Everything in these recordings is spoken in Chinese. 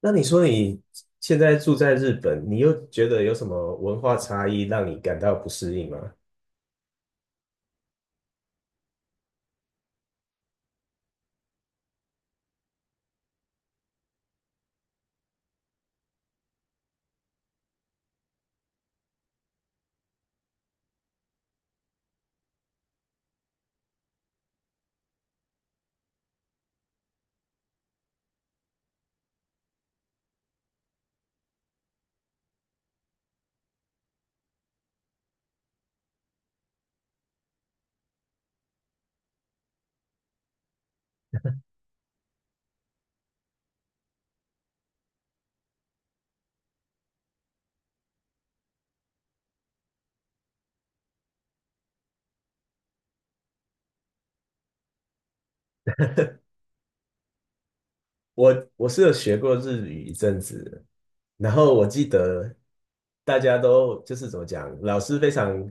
那你说你现在住在日本，你又觉得有什么文化差异让你感到不适应吗？我是有学过日语一阵子，然后我记得大家都就是怎么讲，老师非常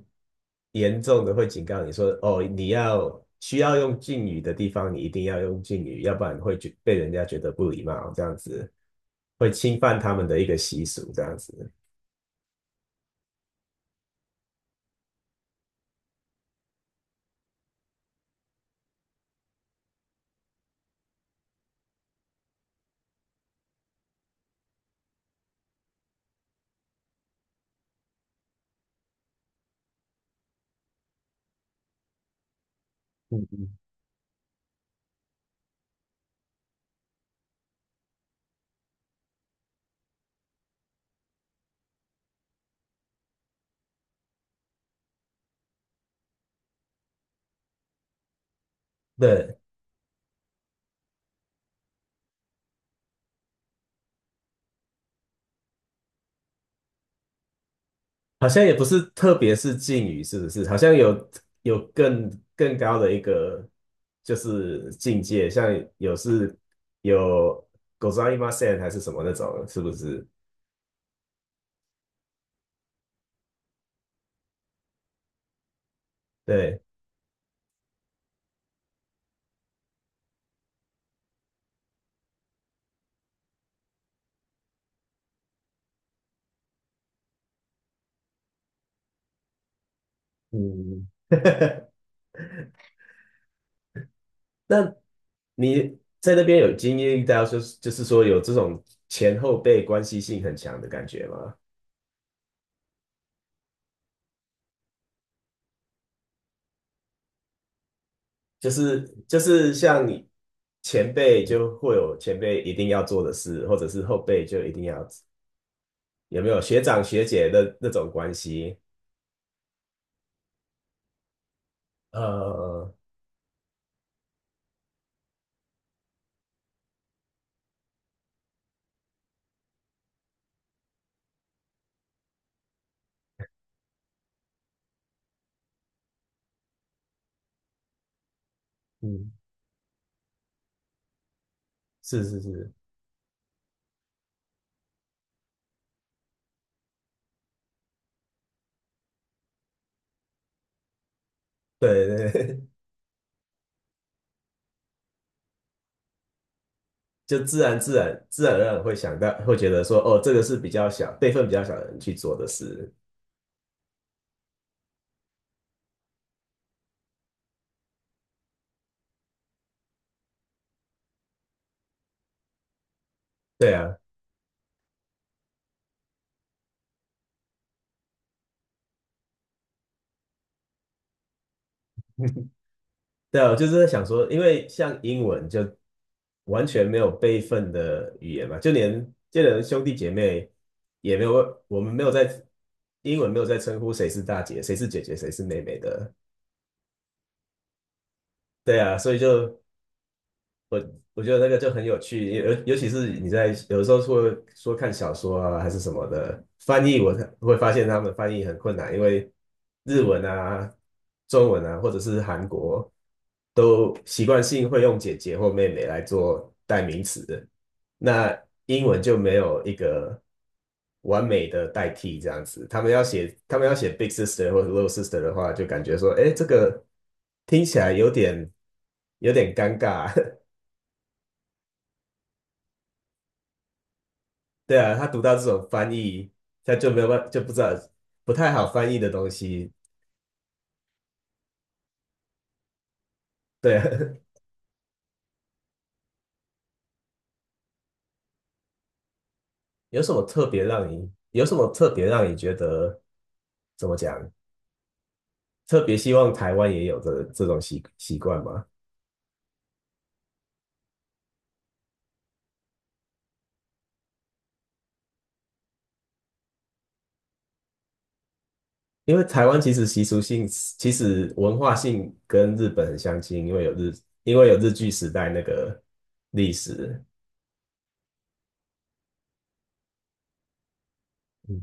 严重的会警告你说，哦，你要需要用敬语的地方，你一定要用敬语，要不然会觉被人家觉得不礼貌，这样子会侵犯他们的一个习俗，这样子。嗯嗯。对，好像也不是，特别是敬语，是不是？好像有有更高的一个就是境界，像有是有ございません还是什么那种，是不是？对。嗯。那你在那边有经历到，就是说有这种前后辈关系性很强的感觉吗？就是就是像你前辈就会有前辈一定要做的事，或者是后辈就一定要有没有学长学姐的那种关系？呃，嗯，是是是，对对对。就自然而然会想到，会觉得说，哦，这个是比较小辈分比较小的人去做的事。对啊。对啊，我就是在想说，因为像英文就完全没有辈分的语言嘛，就连兄弟姐妹也没有，我们没有在英文没有在称呼谁是大姐、谁是姐姐、谁是妹妹的。对啊，所以就我我觉得那个就很有趣，尤其是你在有的时候说说看小说啊还是什么的翻译，我会发现他们翻译很困难，因为日文啊、中文啊，或者是韩国都习惯性会用姐姐或妹妹来做代名词，那英文就没有一个完美的代替这样子。他们要写 big sister 或者 little sister 的话，就感觉说，哎，这个听起来有点尴尬。对啊，他读到这种翻译，他就没有办，就不知道不太好翻译的东西。对啊。有什么特别让你觉得怎么讲？特别希望台湾也有这种习惯吗？因为台湾其实习俗性，其实文化性跟日本很相近，因为有日据时代那个历史。嗯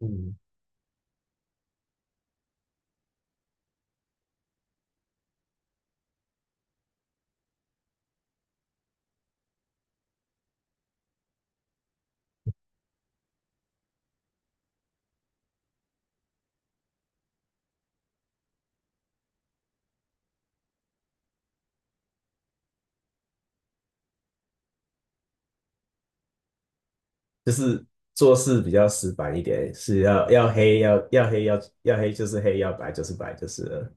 嗯。就是做事比较死板一点，是要黑就是黑，要白就是白就是了。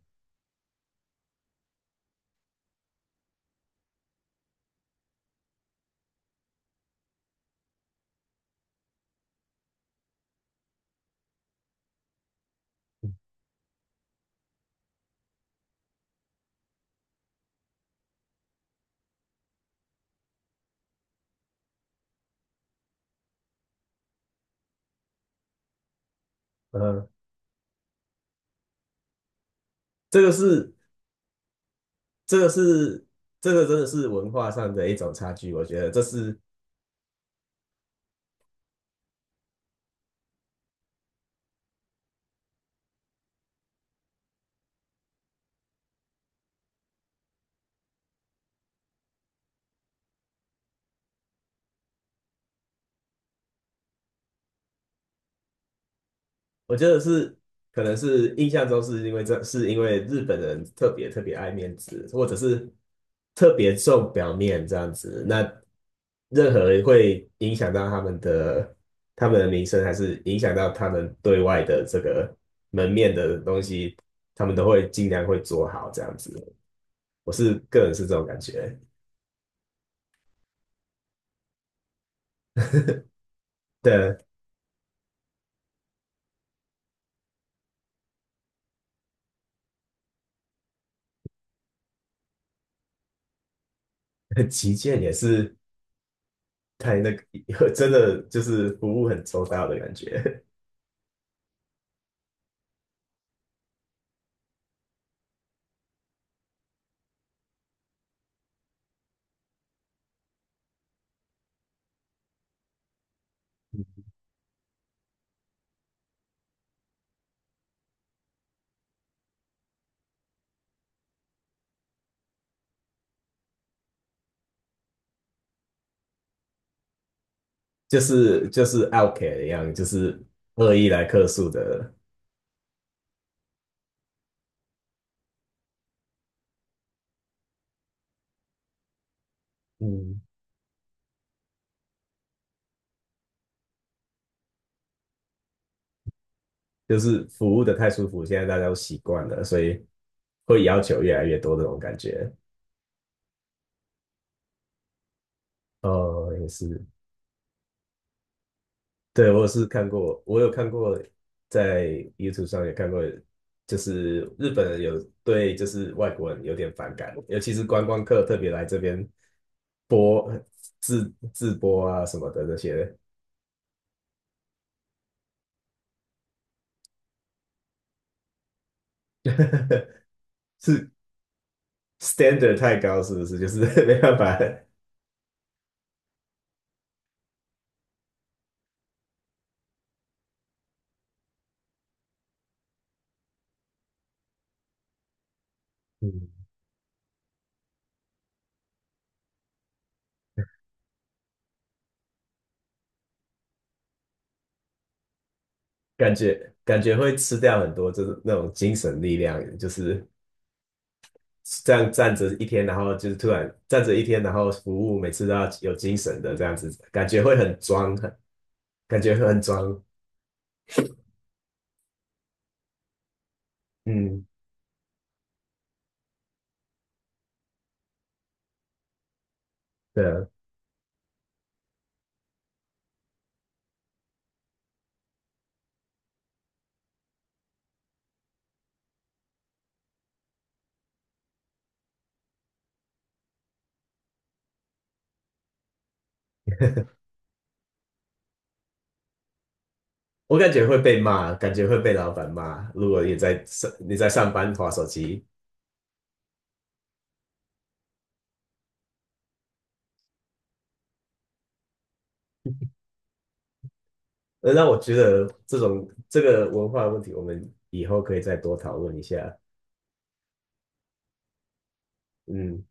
嗯，这个是这个是这个真的是文化上的一种差距，我觉得这是我觉得是可能是印象中是因为这是因为日本人特别特别爱面子，或者是特别重表面这样子，那任何会影响到他们的名声，还是影响到他们对外的这个门面的东西，他们都会尽量会做好这样子，我是个人是这种感觉。的旗舰也是太那个，真的就是服务很周到的感觉。就是 Outcast 一样，就是恶意来客诉的。嗯，就是服务的太舒服，现在大家都习惯了，所以会要求越来越多这种感觉。哦，也是。对，我是看过，我有看过，在 YouTube 上也看过，就是日本人有对外国人有点反感，尤其是观光客特别来这边播自播啊什么的这些。是 standard 太高，是不是？就是 没办法。嗯，感觉会吃掉很多，就是那种精神力量，就是这样站着一天，然后服务每次都要有精神的这样子，感觉会很装，感觉会很装。嗯，对啊，我感觉会被骂，感觉会被老板骂。如果你在上班划手机，那我觉得这种这个文化问题，我们以后可以再多讨论一下。嗯。